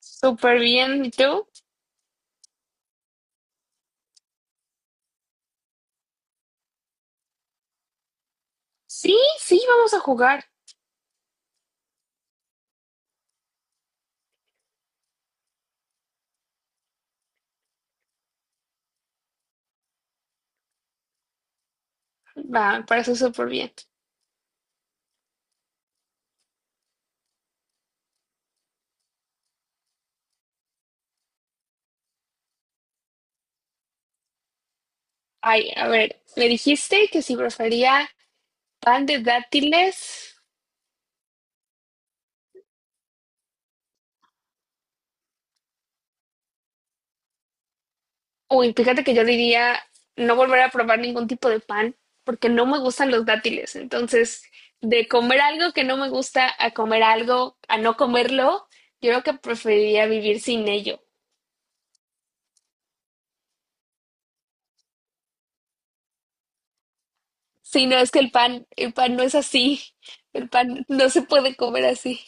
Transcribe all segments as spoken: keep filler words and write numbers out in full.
Súper bien, ¿y tú? Sí, sí, vamos a jugar. Va, para eso súper bien. Ay, a ver, me dijiste que si prefería pan de dátiles. Uy, fíjate que yo diría no volver a probar ningún tipo de pan porque no me gustan los dátiles. Entonces, de comer algo que no me gusta a comer algo, a no comerlo, yo creo que preferiría vivir sin ello. Si no, es que el pan, el pan no es así. El pan no se puede comer así.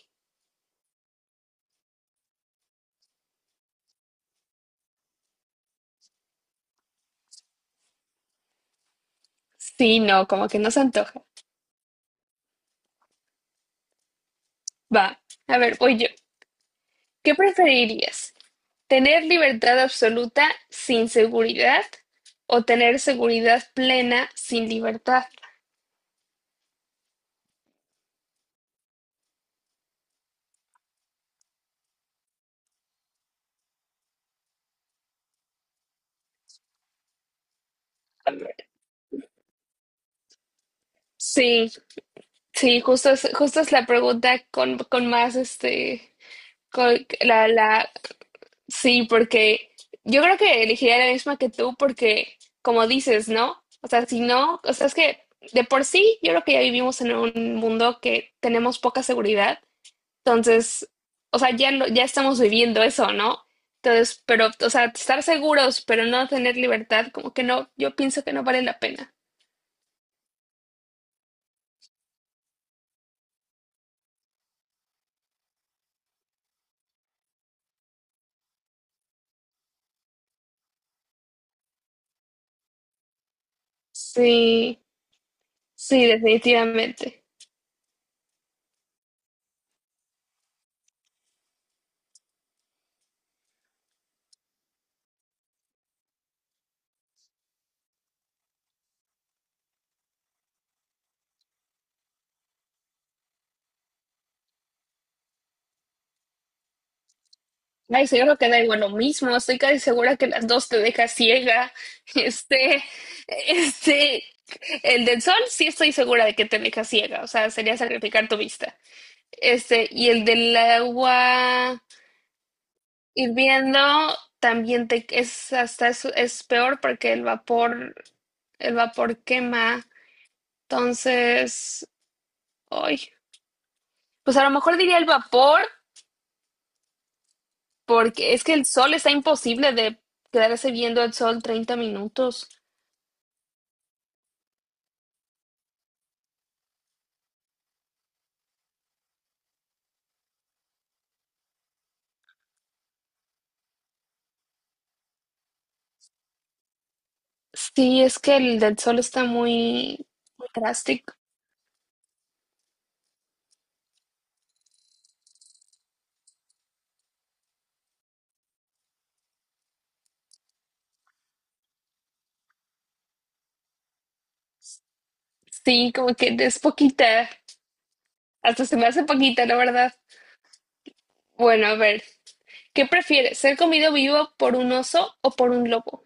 Sí, no, como que no se antoja. Va, a ver, voy yo. ¿Qué preferirías? ¿Tener libertad absoluta sin seguridad o tener seguridad plena sin libertad? A ver. Sí, sí, justo es, justo es la pregunta con, con más este, con la, la, sí, porque yo creo que elegiría la misma que tú porque, como dices, ¿no? O sea, si no, o sea, es que de por sí yo creo que ya vivimos en un mundo que tenemos poca seguridad. Entonces, o sea, ya lo, ya estamos viviendo eso, ¿no? Entonces, pero, o sea, estar seguros, pero no tener libertad, como que no, yo pienso que no vale la pena. Sí, sí, definitivamente. Ay, sí, yo creo que da igual lo mismo, estoy casi segura que las dos te deja ciega. Este, este, el del sol sí estoy segura de que te deja ciega, o sea, sería sacrificar tu vista. Este, y el del agua, hirviendo también te, es hasta es, es peor porque el vapor, el vapor quema. Entonces, ay, pues a lo mejor diría el vapor, porque es que el sol está imposible de quedarse viendo el sol treinta minutos. Sí, es que el del sol está muy, muy drástico. Sí, como que es poquita. Hasta se me hace poquita, la verdad. Bueno, a ver, ¿qué prefieres? ¿Ser comido vivo por un oso o por un lobo?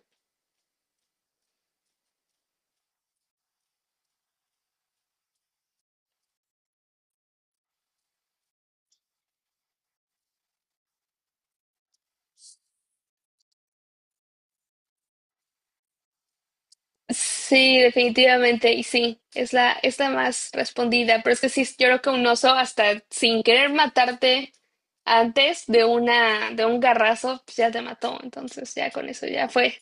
Sí, definitivamente, y sí, es la, es la más respondida, pero es que sí, yo creo que un oso hasta sin querer matarte antes de una, de un garrazo, pues ya te mató, entonces ya con eso ya fue.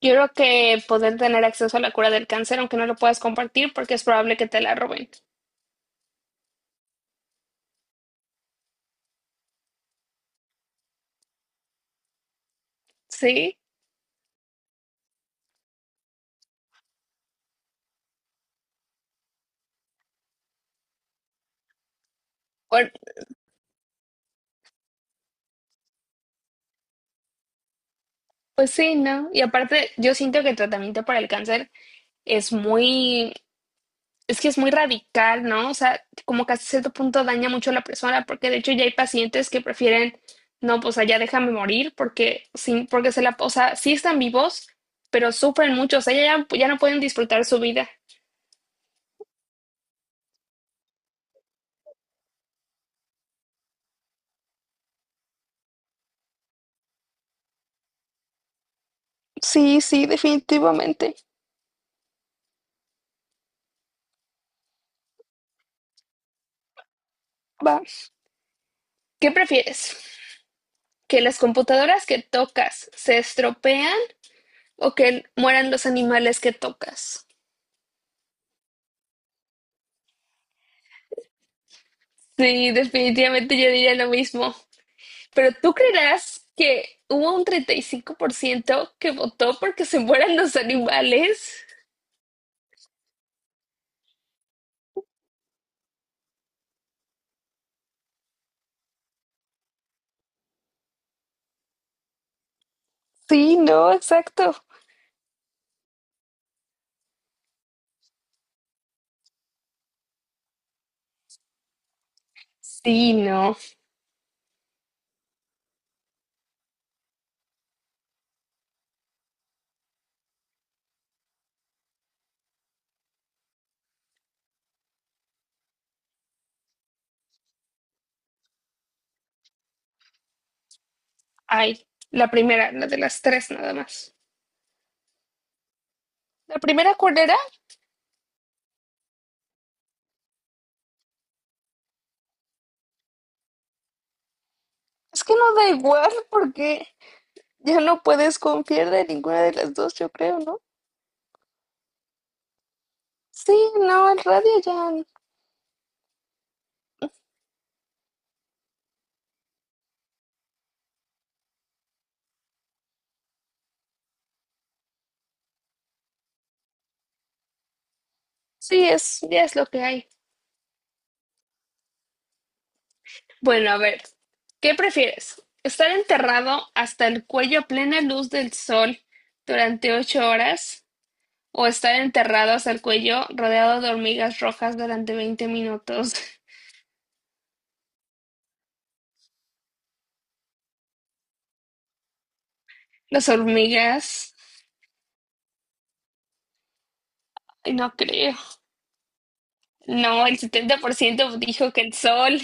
Yo creo que poder tener acceso a la cura del cáncer, aunque no lo puedas compartir, porque es probable que te la roben. Sí, bueno, pues sí, ¿no? Y aparte, yo siento que el tratamiento para el cáncer es muy, es que es muy radical, ¿no? O sea, como que hasta cierto punto daña mucho a la persona, porque de hecho ya hay pacientes que prefieren, no, pues allá déjame morir, porque sin, porque se la, o sea, sí están vivos, pero sufren mucho, o sea, ya, ya no pueden disfrutar su vida. Sí, sí, definitivamente. Va. ¿Qué prefieres? ¿Que las computadoras que tocas se estropean o que mueran los animales que tocas? Sí, definitivamente yo diría lo mismo. Pero tú creerás que hubo un treinta y cinco por ciento que votó porque se mueran los animales. Sí, no, exacto. Sí, no. Ay, la primera, la de las tres nada más. La primera, ¿cuál era? Es que no da igual porque ya no puedes confiar de ninguna de las dos, yo creo, ¿no? Sí, no, el radio ya. Sí, es, ya es lo que hay. Bueno, a ver, ¿qué prefieres? ¿Estar enterrado hasta el cuello a plena luz del sol durante ocho horas o estar enterrado hasta el cuello rodeado de hormigas rojas durante veinte minutos? Las hormigas, ay, no creo. No, el setenta por ciento dijo que el sol.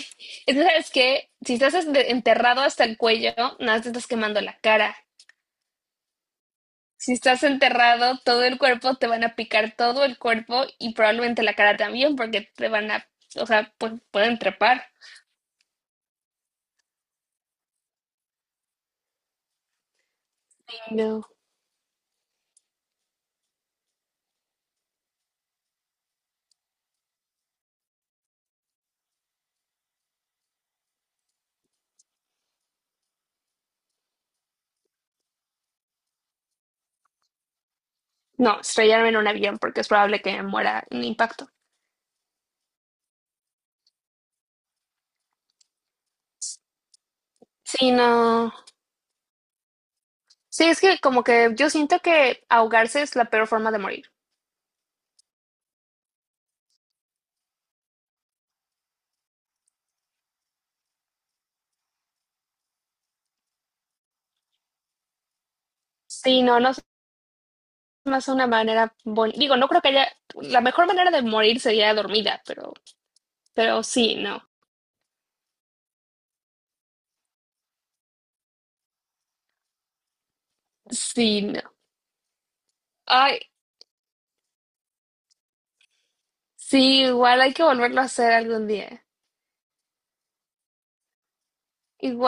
Es que, ¿sabes qué? Si estás este- enterrado hasta el cuello, nada más te estás quemando la cara. Si estás enterrado, todo el cuerpo te van a picar todo el cuerpo y probablemente la cara también, porque te van a, o sea, pu- pueden trepar. No. No, estrellarme en un avión porque es probable que me muera en impacto. Sí, no. Sí, es que como que yo siento que ahogarse es la peor forma de morir. Sí, no, no es más una manera bonita. Digo, no creo que haya. La mejor manera de morir sería dormida, pero, pero sí, no. Sí, no. Ay, sí, igual hay que volverlo a hacer algún día. Igual.